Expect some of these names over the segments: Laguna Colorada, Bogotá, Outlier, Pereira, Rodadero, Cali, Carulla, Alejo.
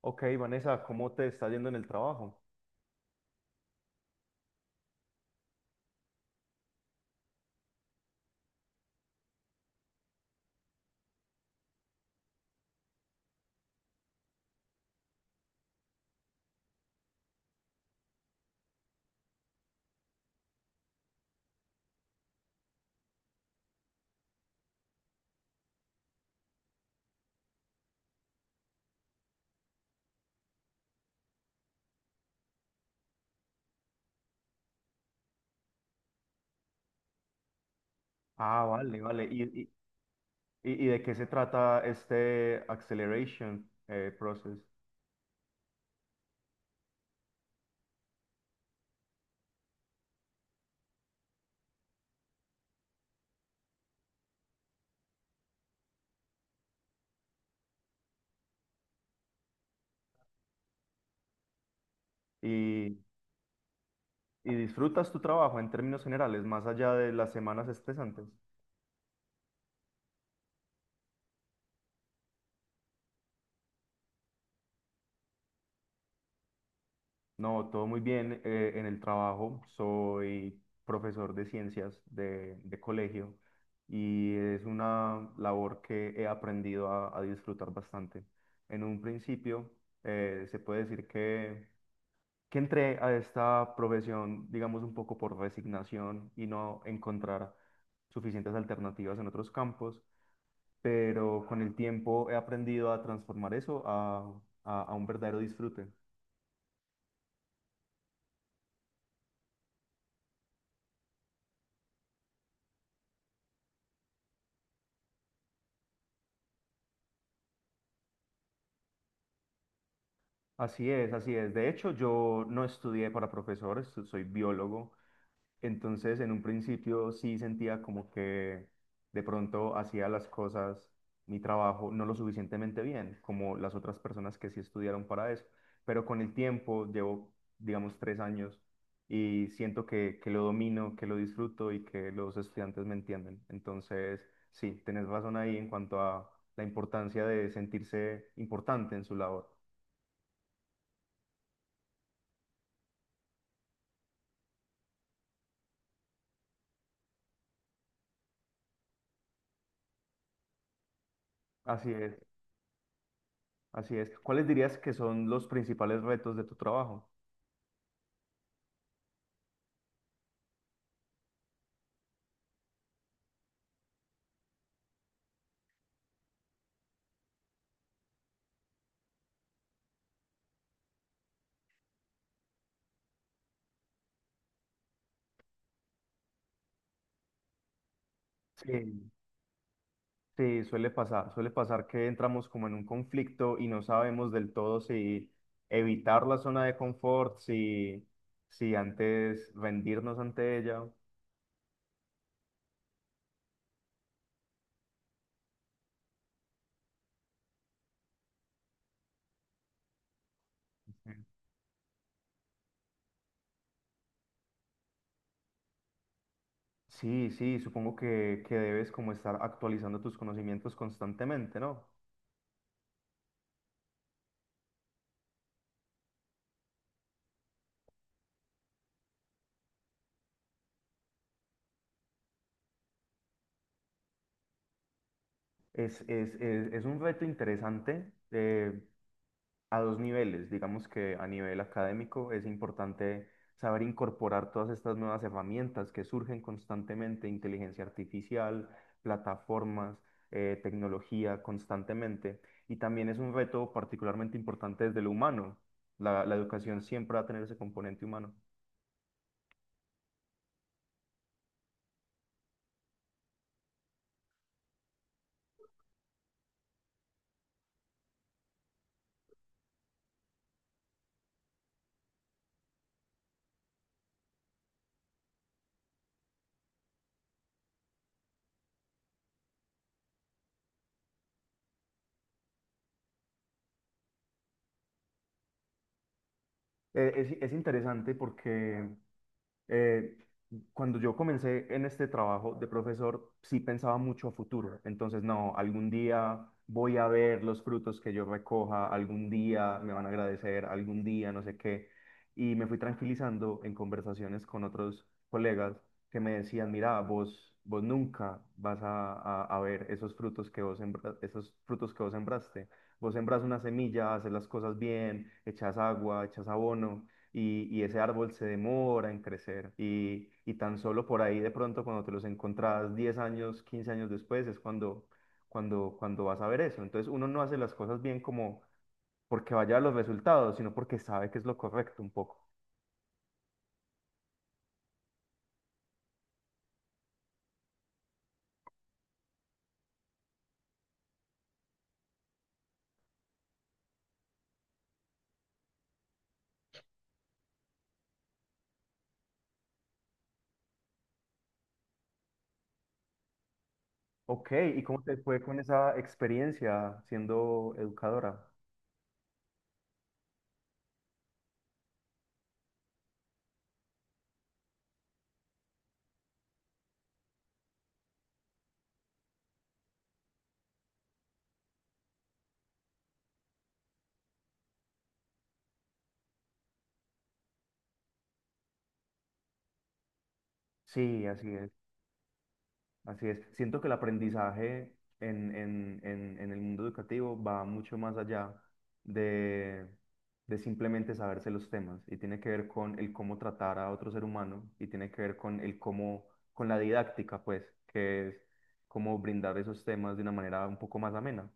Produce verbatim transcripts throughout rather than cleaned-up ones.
Ok, Vanessa, ¿cómo te está yendo en el trabajo? Ah, vale, vale. ¿Y, y, y- y de qué se trata este acceleration eh, process? ¿Y, y disfrutas tu trabajo en términos generales, más allá de las semanas estresantes? No, todo muy bien eh, en el trabajo. Soy profesor de ciencias de, de colegio y es una labor que he aprendido a, a disfrutar bastante. En un principio, eh, se puede decir que... que entré a esta profesión, digamos, un poco por resignación y no encontrar suficientes alternativas en otros campos, pero con el tiempo he aprendido a transformar eso a, a- a un verdadero disfrute. Así es, así es. De hecho, yo no estudié para profesor, estu- soy biólogo. Entonces, en un principio sí sentía como que de pronto hacía las cosas, mi trabajo, no lo suficientemente bien, como las otras personas que sí estudiaron para eso. Pero con el tiempo, llevo, digamos, tres años y siento que, que lo domino, que lo disfruto y que los estudiantes me entienden. Entonces, sí, tenés razón ahí en cuanto a la importancia de sentirse importante en su labor. Así es, así es. ¿Cuáles dirías que son los principales retos de tu trabajo? Sí. Sí, suele pasar, suele pasar que entramos como en un conflicto y no sabemos del todo si evitar la zona de confort, si, si antes rendirnos ante ella. Sí, sí, supongo que, que debes como estar actualizando tus conocimientos constantemente, ¿no? Es, es, es, es un reto interesante. Eh, a dos niveles. Digamos que a nivel académico es importante saber incorporar todas estas nuevas herramientas que surgen constantemente, inteligencia artificial, plataformas, eh, tecnología constantemente. Y también es un reto particularmente importante desde lo humano. La, la educación siempre va a tener ese componente humano. Eh, es, es interesante porque Eh, cuando yo comencé en este trabajo de profesor, sí pensaba mucho a futuro. Entonces, no, algún día voy a ver los frutos que yo recoja, algún día me van a agradecer, algún día no sé qué. Y me fui tranquilizando en conversaciones con otros colegas que me decían, mira, vos, vos nunca vas a, a- a ver esos frutos que vos sembra- esos frutos que vos sembraste. Vos sembras una semilla, haces las cosas bien, echas agua, echas abono y, y ese árbol se demora en crecer y, y tan solo por ahí de pronto cuando te los encontrás diez años, quince años después es cuando, cuando, cuando vas a ver eso. Entonces uno no hace las cosas bien como porque vaya a los resultados, sino porque sabe que es lo correcto un poco. Ok, ¿y cómo te fue con esa experiencia siendo educadora? Sí, así es. Así es. Siento que el aprendizaje en, en- en- en el mundo educativo va mucho más allá de, de simplemente saberse los temas y tiene que ver con el cómo tratar a otro ser humano y tiene que ver con el cómo, con la didáctica, pues, que es cómo brindar esos temas de una manera un poco más amena.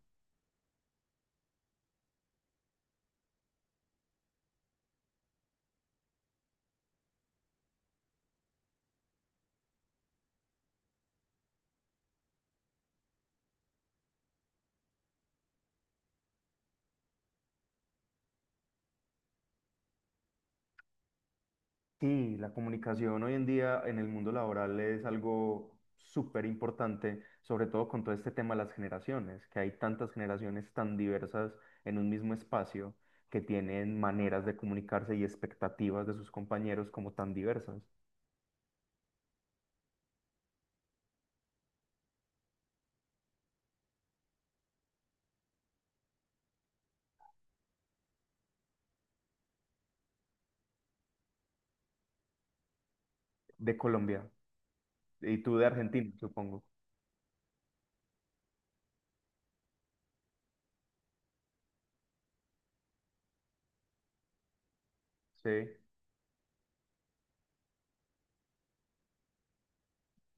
Sí, la comunicación hoy en día en el mundo laboral es algo súper importante, sobre todo con todo este tema de las generaciones, que hay tantas generaciones tan diversas en un mismo espacio que tienen maneras de comunicarse y expectativas de sus compañeros como tan diversas. De Colombia y tú de Argentina, supongo. Sí.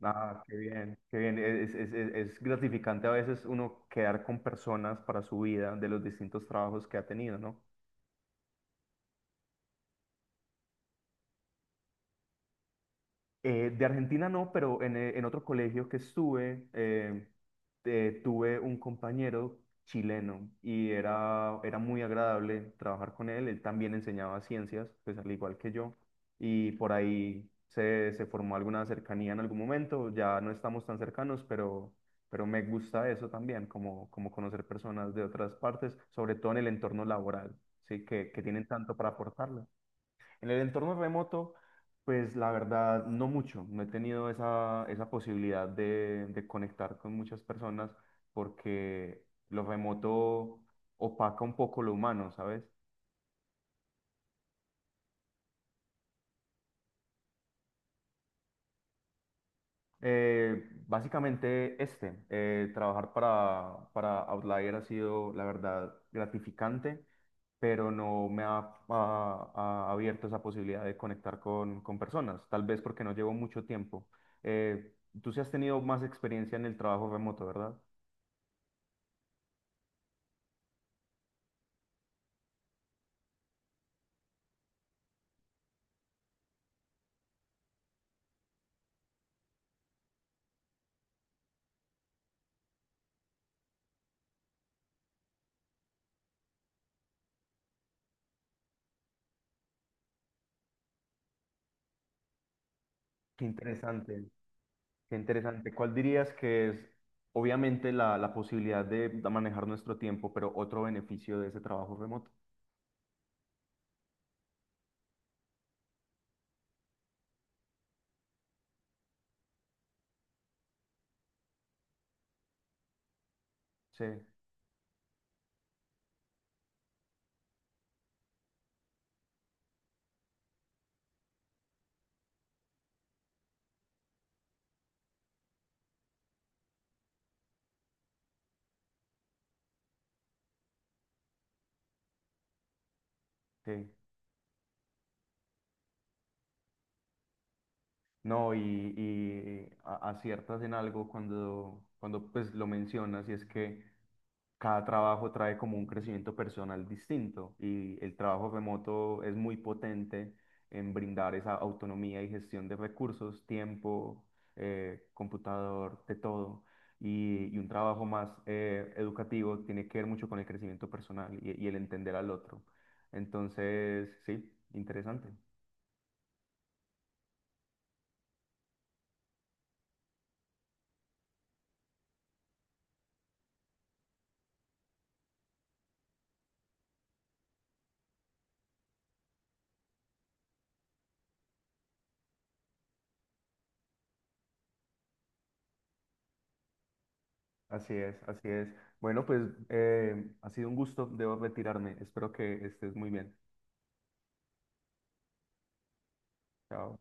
Ah, qué bien, qué bien. Es, es, es- es gratificante a veces uno quedar con personas para su vida de los distintos trabajos que ha tenido, ¿no? Eh, de Argentina no, pero en, eh, en otro colegio que estuve, eh, eh, tuve un compañero chileno y era, era muy agradable trabajar con él. Él también enseñaba ciencias, pues al igual que yo, y por ahí se, se formó alguna cercanía en algún momento. Ya no estamos tan cercanos, pero, pero me gusta eso también, como, como conocer personas de otras partes, sobre todo en el entorno laboral, ¿sí? Que, que tienen tanto para aportarle. En el entorno remoto, pues la verdad, no mucho. No he tenido esa, esa posibilidad de, de conectar con muchas personas porque lo remoto opaca un poco lo humano, ¿sabes? Eh, básicamente este, eh, trabajar para, para Outlier ha sido, la verdad, gratificante, pero no me ha, ha- ha abierto esa posibilidad de conectar con, con personas, tal vez porque no llevo mucho tiempo. Eh, Tú sí has tenido más experiencia en el trabajo remoto, ¿verdad? Qué interesante, qué interesante. ¿Cuál dirías que es, obviamente, la, la posibilidad de, de manejar nuestro tiempo, pero otro beneficio de ese trabajo remoto? Sí, sí. No, y, y a- aciertas en algo cuando, cuando pues lo mencionas, y es que cada trabajo trae como un crecimiento personal distinto, y el trabajo remoto es muy potente en brindar esa autonomía y gestión de recursos, tiempo, eh, computador, de todo. Y, y un trabajo más eh, educativo tiene que ver mucho con el crecimiento personal y, y el entender al otro. Entonces, sí, interesante. Así es, así es. Bueno, pues eh, ha sido un gusto, debo retirarme. Espero que estés muy bien. Chao.